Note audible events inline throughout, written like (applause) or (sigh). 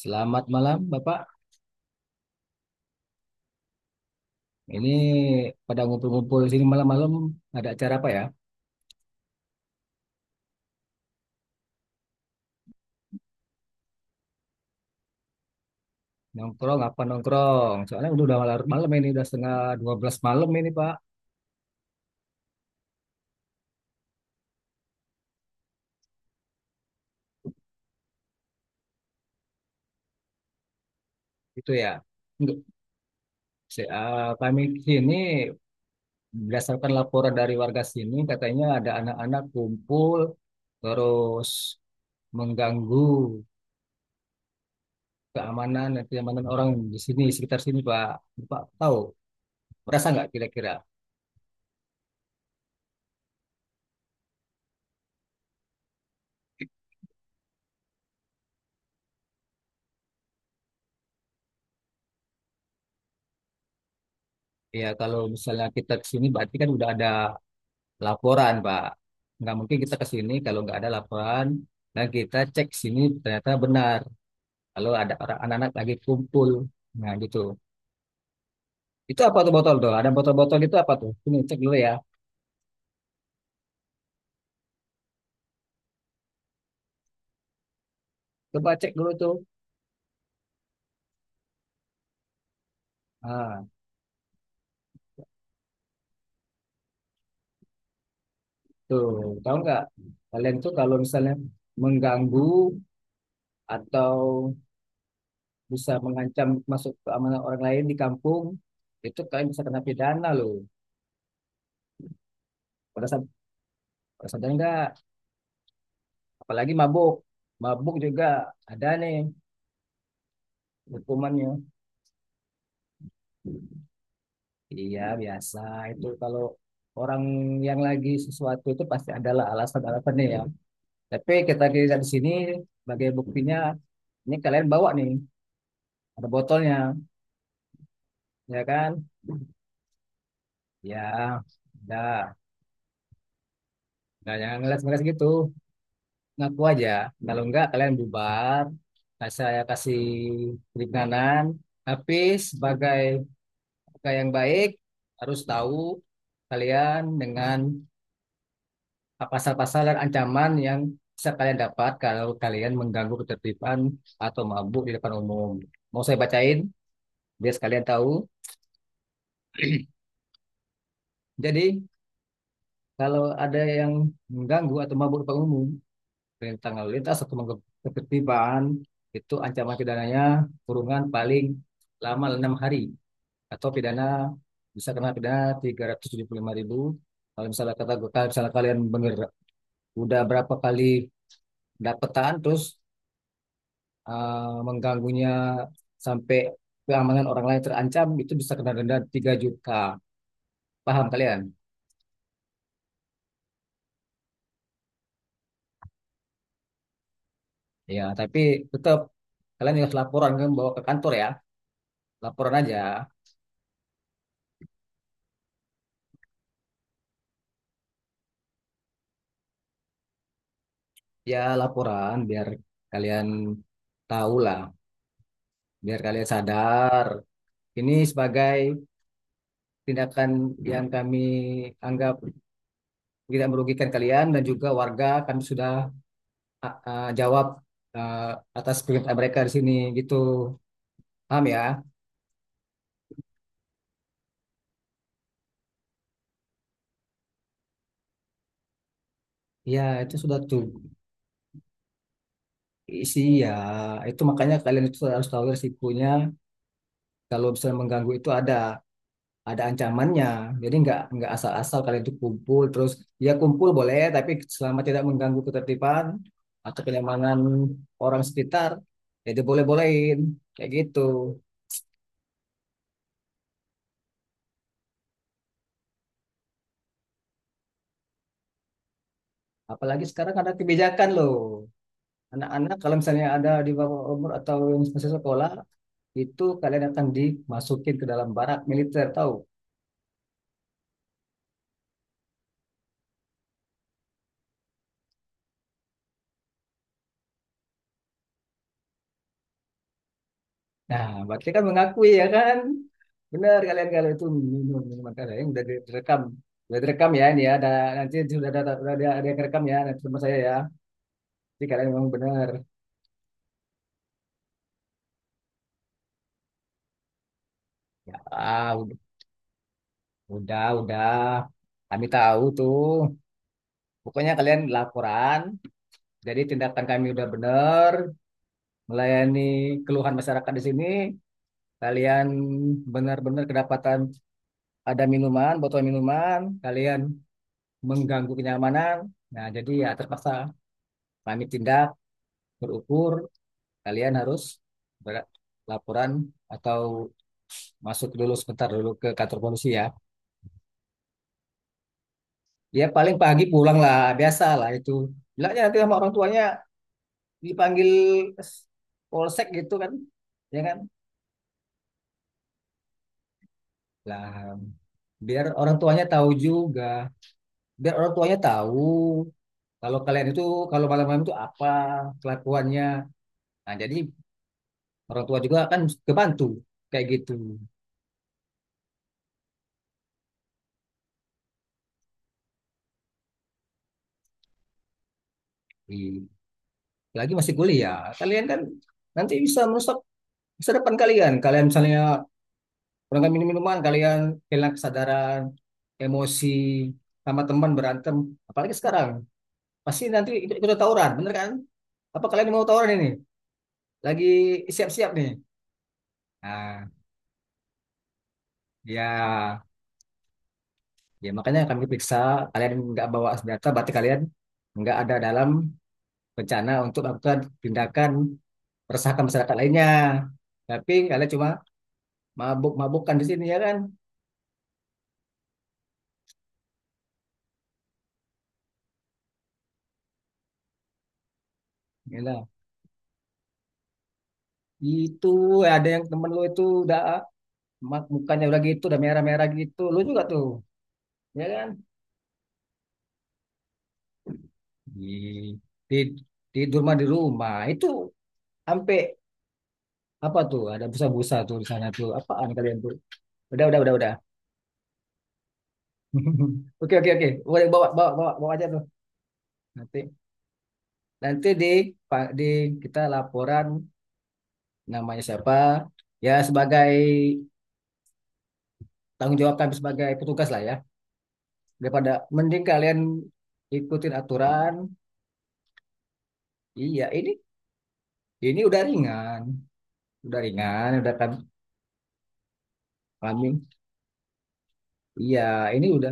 Selamat malam, Bapak. Ini pada ngumpul-ngumpul di sini malam-malam ada acara apa ya? Nongkrong apa nongkrong? Soalnya udah malam, malam ini udah setengah 12 malam ini, Pak. Itu ya. Enggak. Kami sini berdasarkan laporan dari warga sini katanya ada anak-anak kumpul terus mengganggu keamanan dan kenyamanan orang di sini sekitar sini, Pak. Bapak tahu? Merasa nggak kira-kira? Ya kalau misalnya kita ke sini berarti kan udah ada laporan, Pak. Nggak mungkin kita ke sini kalau nggak ada laporan dan kita cek sini ternyata benar. Kalau ada orang anak-anak lagi kumpul, nah gitu. Itu apa tuh botol tuh? Ada botol-botol itu apa tuh? Ini cek dulu ya. Coba cek dulu tuh. Ah, tuh tahu nggak? Kalian tuh kalau misalnya mengganggu atau bisa mengancam masuk keamanan orang lain di kampung, itu kalian bisa kena pidana loh. Pada saat, pada sadar nggak? Apalagi mabuk. Mabuk juga ada nih. Hukumannya. Iya, biasa. Itu kalau orang yang lagi sesuatu itu pasti adalah alasan-alasannya ya. Tapi kita dilihat di sini sebagai buktinya, ini kalian bawa nih, ada botolnya, ya kan? Ya, udah. Nggak jangan ngeles-ngeles gitu. Ngaku aja. Kalau enggak, kalian bubar. Nah, saya kasih keringanan. Tapi sebagai kakak yang baik, harus tahu kalian dengan pasal-pasal dan ancaman yang bisa kalian dapat kalau kalian mengganggu ketertiban atau mabuk di depan umum. Mau saya bacain biar sekalian tahu. Jadi, kalau ada yang mengganggu atau mabuk di depan umum, perintah lalu lintas atau mengganggu ketertiban, itu ancaman pidananya kurungan paling lama 6 hari atau pidana bisa kena pidana 375.000. Kalau misalnya kata kalau misalnya kalian bener udah berapa kali dapetan terus eh, mengganggunya sampai keamanan orang lain terancam itu bisa kena denda 3 juta. Paham kalian? Ya, tapi tetap kalian harus laporan kan bawa ke kantor ya. Laporan aja. Ya, laporan biar kalian tahu lah, biar kalian sadar. Ini sebagai tindakan yang kami anggap tidak merugikan kalian dan juga warga kami sudah ah, ah, jawab ah, atas perintah mereka di sini gitu. Paham ya? Ya, itu sudah tuh. Isi ya, itu makanya kalian itu harus tahu risikonya. Kalau misalnya mengganggu itu ada ancamannya. Jadi nggak asal-asal kalian itu kumpul terus ya kumpul boleh, tapi selama tidak mengganggu ketertiban atau kenyamanan orang sekitar, ya diboleh-bolehin kayak gitu. Apalagi sekarang ada kebijakan loh. Anak-anak kalau misalnya ada di bawah umur atau yang masih sekolah, itu kalian akan dimasukin ke dalam barak militer, tahu? Nah, berarti kan mengakui ya kan? Benar kalian kalau itu minum minuman keras yang udah direkam. Udah direkam ya ini ya. Ada, nanti sudah ada yang rekam ya nanti sama saya ya. Jadi kalian memang benar. Ah, udah. Kami tahu tuh. Pokoknya kalian laporan. Jadi tindakan kami udah benar melayani keluhan masyarakat di sini. Kalian benar-benar kedapatan ada minuman, botol minuman, kalian mengganggu kenyamanan. Nah, jadi ya terpaksa kami tindak berukur kalian harus berlaporan atau masuk dulu sebentar dulu ke kantor polisi ya. Dia paling pagi pulang lah, biasa lah itu. Bilangnya nanti sama orang tuanya dipanggil polsek gitu kan, ya kan? Lah, biar orang tuanya tahu juga, biar orang tuanya tahu kalau kalian itu kalau malam-malam itu apa kelakuannya. Nah, jadi orang tua juga kan kebantu kayak gitu. Iya. Lagi masih kuliah. Kalian kan nanti bisa merusak masa depan kalian. Kalian misalnya kurang minum-minuman, kalian hilang kesadaran, emosi, sama teman berantem. Apalagi sekarang, pasti nanti ikut ikut tawuran, bener kan? Apa kalian mau tawuran ini? Lagi siap-siap nih. Nah, ya, ya makanya kami periksa kalian nggak bawa senjata, berarti kalian nggak ada dalam rencana untuk melakukan tindakan meresahkan masyarakat lainnya. Tapi kalian cuma mabuk-mabukan di sini ya kan? Gila. Itu ada yang temen lu itu udah mukanya udah gitu, udah merah-merah gitu. Lu juga tuh, ya kan? Di, di tidur mah di rumah. Itu sampai apa tuh? Ada busa-busa tuh di sana tuh. Apaan kalian tuh? Udah. (laughs) Oke, oke, oke. Boleh bawa, bawa, bawa, bawa aja tuh. Nanti, nanti di, Pak, di kita laporan namanya siapa? Ya sebagai tanggung jawab kami sebagai petugas lah ya. Daripada mending kalian ikutin aturan. Iya, ini udah ringan, udah ringan, udah kan kambing. Iya, ini udah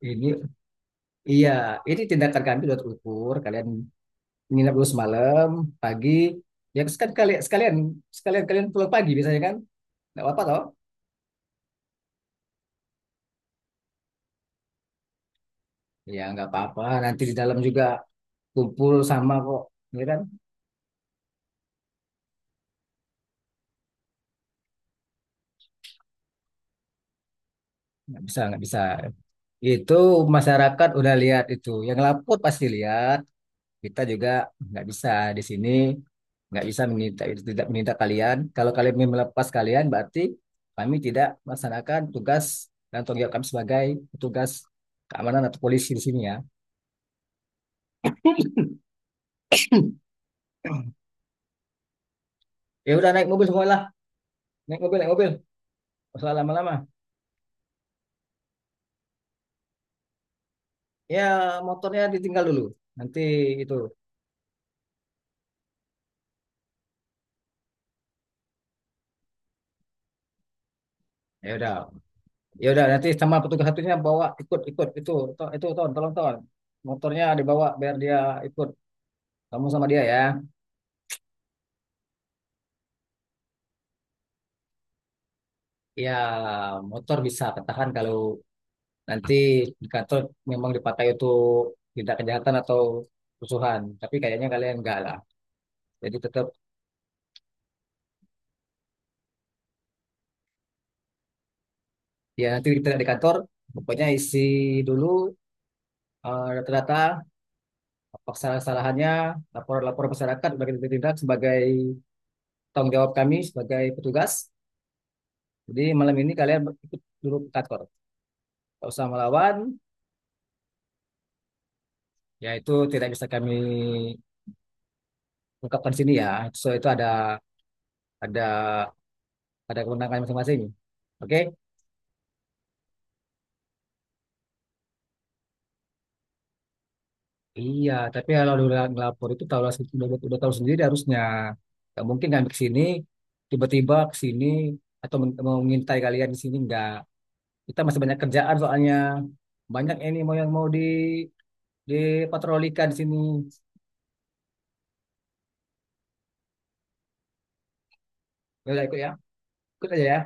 ini iya, ini tindakan kami udah terukur. Kalian nginep dulu semalam, pagi. Ya kan kalian sekalian sekalian kalian pulang pagi biasanya kan? Nggak apa-apa toh? Iya, nggak apa-apa. Nanti di dalam juga kumpul sama kok, ya kan? Nggak bisa, nggak bisa. Itu masyarakat udah lihat itu. Yang lapor pasti lihat. Kita juga nggak bisa di sini nggak bisa meminta tidak meminta kalian kalau kalian ingin melepas kalian berarti kami tidak melaksanakan tugas dan tanggung jawab kami sebagai petugas keamanan atau polisi di sini ya. Ya udah naik mobil semualah, naik mobil. Nggak usah lama-lama ya. Motornya ditinggal dulu nanti itu. Ya udah, ya udah nanti sama petugas satunya bawa ikut ikut itu to, itu ton tolong ton motornya dibawa biar dia ikut kamu sama dia ya. Ya motor bisa ketahan kalau nanti di kantor memang dipakai untuk tindak kejahatan atau kerusuhan. Tapi kayaknya kalian enggak lah. Jadi tetap ya nanti kita di kantor pokoknya isi dulu data-data apa kesalahan-kesalahannya, lapor-lapor masyarakat sebagai tindak sebagai tanggung jawab kami sebagai petugas. Jadi malam ini kalian ikut dulu ke kantor. Kalau usah melawan, ya itu tidak bisa kami ungkapkan di sini ya. So itu ada ada kewenangan masing-masing. Oke? Iya, tapi kalau udah ngelapor itu tahu lah, udah tahu sendiri harusnya. Gak mungkin kan ke sini, tiba-tiba ke sini atau mau mengintai kalian di sini enggak. Kita masih banyak kerjaan soalnya. Banyak ini mau yang mau di dipatrolikan di sini. Ya udah ikut ya, ikut aja ya.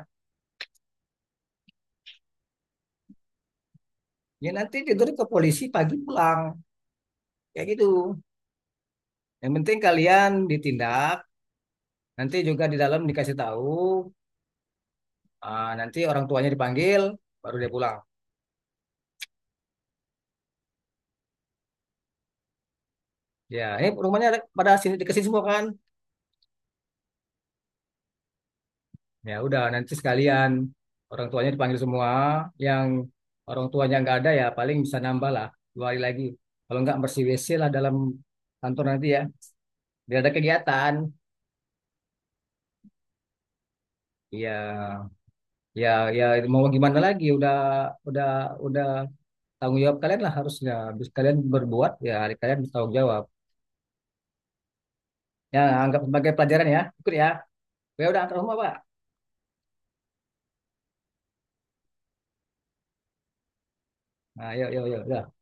Ya nanti tidur ke polisi pagi pulang kayak gitu. Yang penting kalian ditindak, nanti juga di dalam dikasih tahu. Ah, nanti orang tuanya dipanggil, baru dia pulang. Ya, ini rumahnya ada- pada sini dikasih semua kan? Ya udah nanti sekalian orang tuanya dipanggil semua. Yang orang tuanya nggak ada ya paling bisa nambah lah 2 hari lagi. Kalau nggak bersih WC lah dalam kantor nanti ya. Biar ada kegiatan. Iya, ya, ya mau gimana lagi? Udah, udah. Tanggung jawab kalian lah harusnya. Habis kalian berbuat ya hari kalian bertanggung jawab. Ya anggap sebagai pelajaran ya. Ikut ya. Ya udah antar rumah Pak. Nah, yuk, yuk, yuk. Udah.